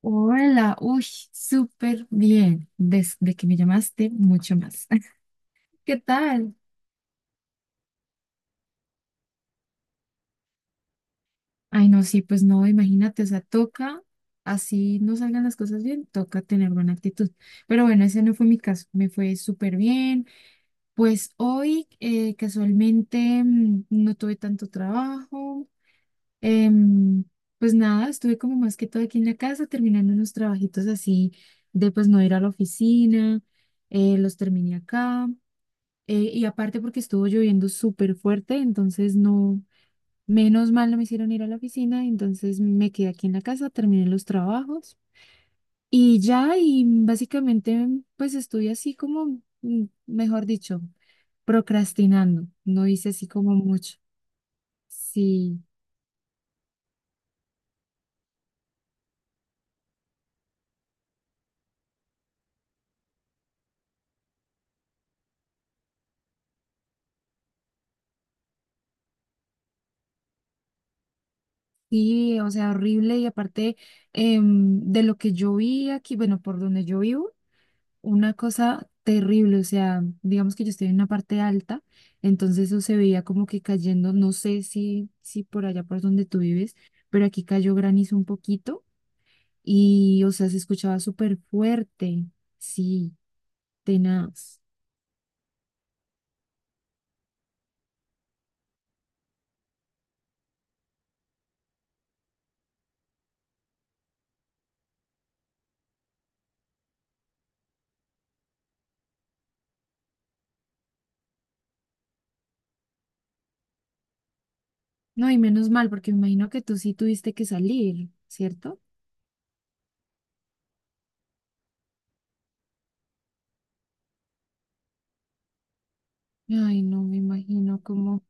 Hola, uy, súper bien. Desde que me llamaste, mucho más. ¿Qué tal? Ay, no, sí, pues no, imagínate, o sea, toca, así no salgan las cosas bien, toca tener buena actitud. Pero bueno, ese no fue mi caso, me fue súper bien. Pues hoy, casualmente, no tuve tanto trabajo. Em, pues nada, estuve como más que todo aquí en la casa, terminando unos trabajitos así de pues no ir a la oficina, los terminé acá. Y aparte porque estuvo lloviendo súper fuerte, entonces no, menos mal no me hicieron ir a la oficina, entonces me quedé aquí en la casa, terminé los trabajos y ya, y básicamente pues estuve así como, mejor dicho, procrastinando, no hice así como mucho. Sí, sí, o sea, horrible y aparte de lo que yo vi aquí, bueno, por donde yo vivo. Una cosa terrible, o sea, digamos que yo estoy en una parte alta, entonces eso se veía como que cayendo, no sé si por allá por donde tú vives, pero aquí cayó granizo un poquito y, o sea, se escuchaba súper fuerte, sí, tenaz. No, y menos mal, porque me imagino que tú sí tuviste que salir, ¿cierto? Ay, no, me imagino como,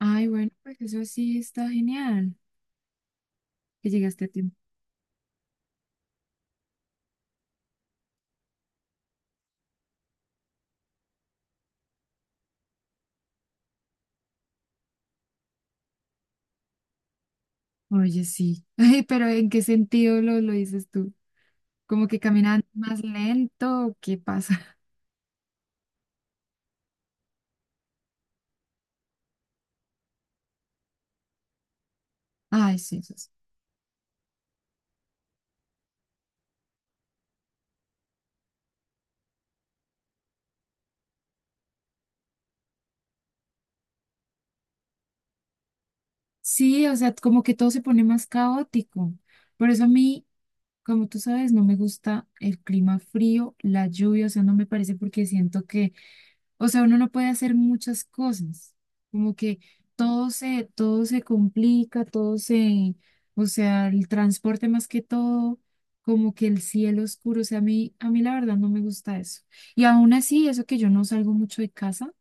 ay, bueno, pues eso sí está genial, que llegaste a tiempo. Oye, sí. Ay, pero ¿en qué sentido lo dices tú? Como que caminan más lento, ¿o qué pasa? Ay, sí, eso es- Sí, o sea, como que todo se pone más caótico. Por eso a mí, como tú sabes, no me gusta el clima frío, la lluvia, o sea, no me parece porque siento que o sea, uno no puede hacer muchas cosas, como que todo se complica, todo se, o sea, el transporte más que todo, como que el cielo oscuro, o sea, a mí la verdad no me gusta eso. Y aún así, eso que yo no salgo mucho de casa,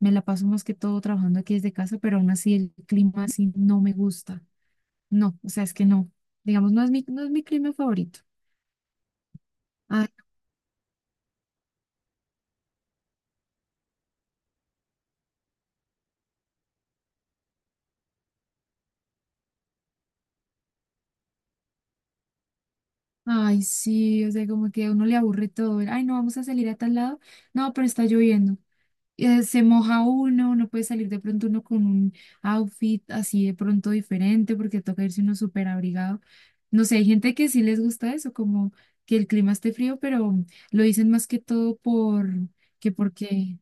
me la paso más que todo trabajando aquí desde casa, pero aún así el clima así no me gusta. No, o sea, es que no, digamos, no es mi clima favorito. Ah, ay, sí, o sea, como que a uno le aburre todo. Ay, no, vamos a salir a tal lado. No, pero está lloviendo. Se moja uno, no puede salir de pronto uno con un outfit así de pronto diferente porque toca irse uno súper abrigado. No sé, hay gente que sí les gusta eso, como que el clima esté frío, pero lo dicen más que todo por que porque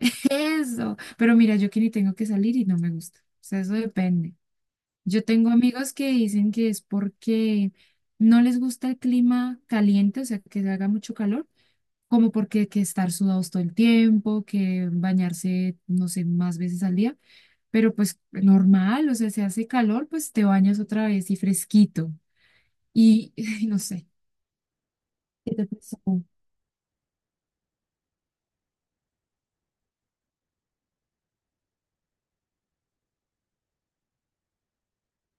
eso. Pero mira, yo que ni tengo que salir y no me gusta. O sea, eso depende. Yo tengo amigos que dicen que es porque no les gusta el clima caliente, o sea, que haga mucho calor, como porque que estar sudados todo el tiempo, que bañarse, no sé, más veces al día, pero pues normal, o sea, si hace calor, pues te bañas otra vez y fresquito. Y, ay, no sé, ¿qué te pasó?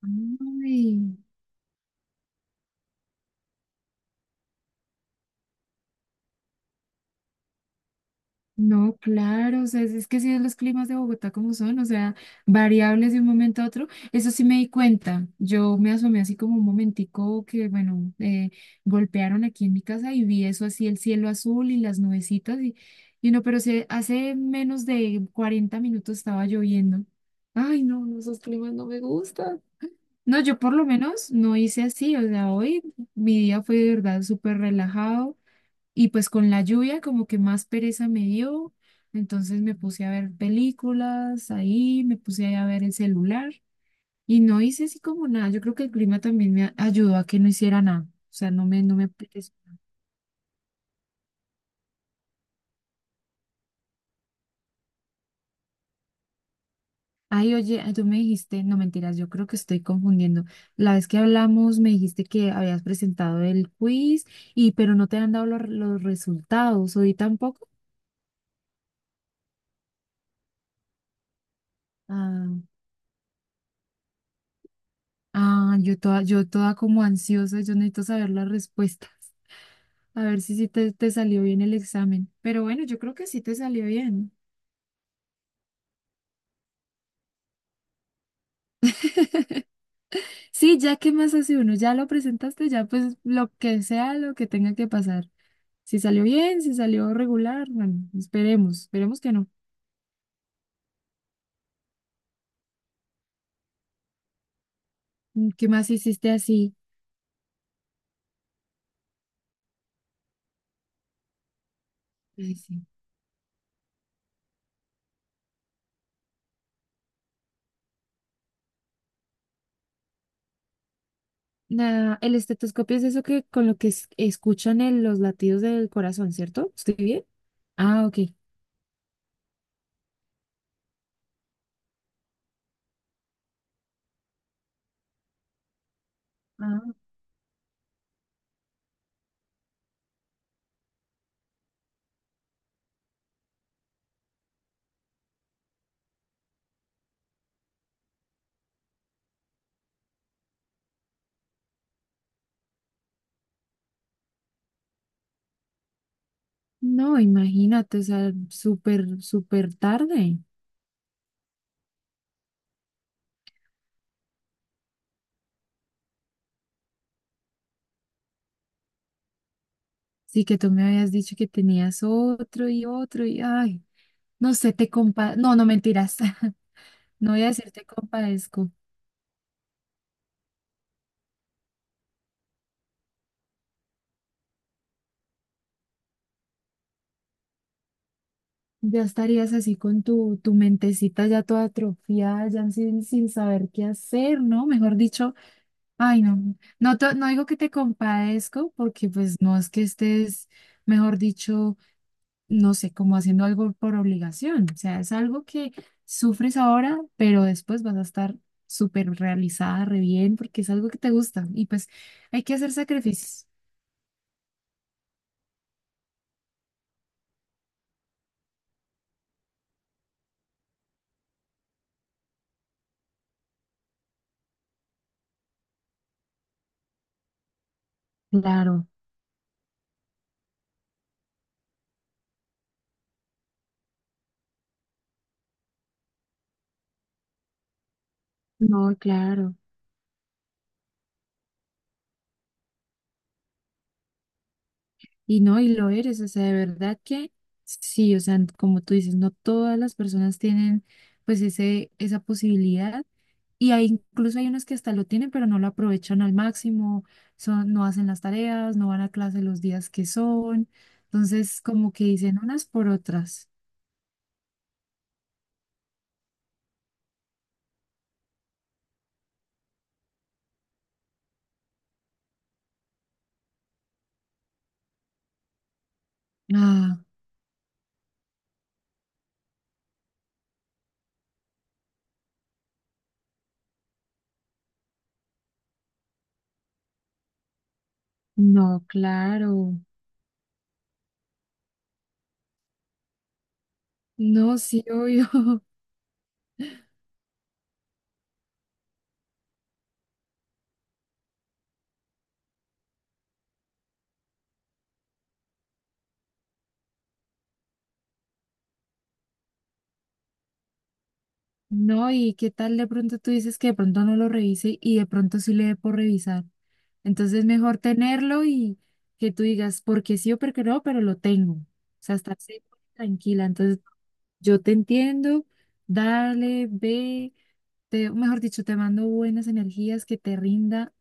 Ay. No, claro, o sea, es que sí, los climas de Bogotá como son, o sea, variables de un momento a otro, eso sí me di cuenta, yo me asomé así como un momentico que, bueno, golpearon aquí en mi casa y vi eso así, el cielo azul y las nubecitas y no, pero se, hace menos de 40 minutos estaba lloviendo. Ay, no, no, esos climas no me gustan. No, yo por lo menos no hice así, o sea, hoy mi día fue de verdad súper relajado. Y pues con la lluvia como que más pereza me dio, entonces me puse a ver películas ahí, me puse ahí a ver el celular y no hice así como nada. Yo creo que el clima también ayudó a que no hiciera nada, o sea, no me apeteció. Ay, oye, tú me dijiste, no mentiras, yo creo que estoy confundiendo. La vez que hablamos me dijiste que habías presentado el quiz y pero no te han dado los resultados, hoy tampoco. Ah, yo toda, yo toda como ansiosa, yo necesito saber las respuestas. A ver si sí te salió bien el examen. Pero bueno, yo creo que sí te salió bien. Sí, ya qué más hace uno, ya lo presentaste, ya pues lo que sea lo que tenga que pasar. Si salió bien, si salió regular, bueno, esperemos, esperemos que no. Mm, ¿qué más hiciste así? Ay, sí. Nada, el estetoscopio es eso que con lo que escuchan los latidos del corazón, ¿cierto? ¿Estoy bien? Ah, ok. Ah, no, imagínate, o sea, súper, súper tarde. Sí, que tú me habías dicho que tenías otro y otro y ay, no sé, te compa, no, no mentiras, no voy a decir te compadezco. Ya estarías así con tu mentecita ya toda atrofiada, ya sin saber qué hacer, ¿no? Mejor dicho, ay, no, no, no digo que te compadezco porque pues no es que estés, mejor dicho, no sé, como haciendo algo por obligación. O sea, es algo que sufres ahora, pero después vas a estar súper realizada, re bien, porque es algo que te gusta. Y pues hay que hacer sacrificios. Claro, no, claro. Y no, y lo eres. O sea, de verdad que sí, o sea, como tú dices, no todas las personas tienen esa posibilidad. Y hay, incluso hay unos que hasta lo tienen, pero no lo aprovechan al máximo, son, no hacen las tareas, no van a clase los días que son. Entonces, como que dicen unas por otras. Ah, no, claro. No, sí, obvio. No, y qué tal de pronto tú dices que de pronto no lo revise y de pronto sí le dé por revisar. Entonces mejor tenerlo y que tú digas, porque sí o porque no, pero lo tengo. O sea, estar segura y tranquila. Entonces yo te entiendo, dale, ve, te, mejor dicho, te mando buenas energías, que te rinda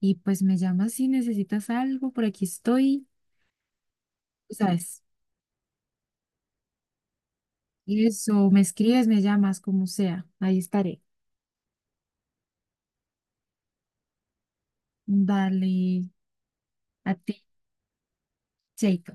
y pues me llamas si necesitas algo, por aquí estoy, tú sabes. Y eso, me escribes, me llamas, como sea, ahí estaré. Dale, a ti, Chaito.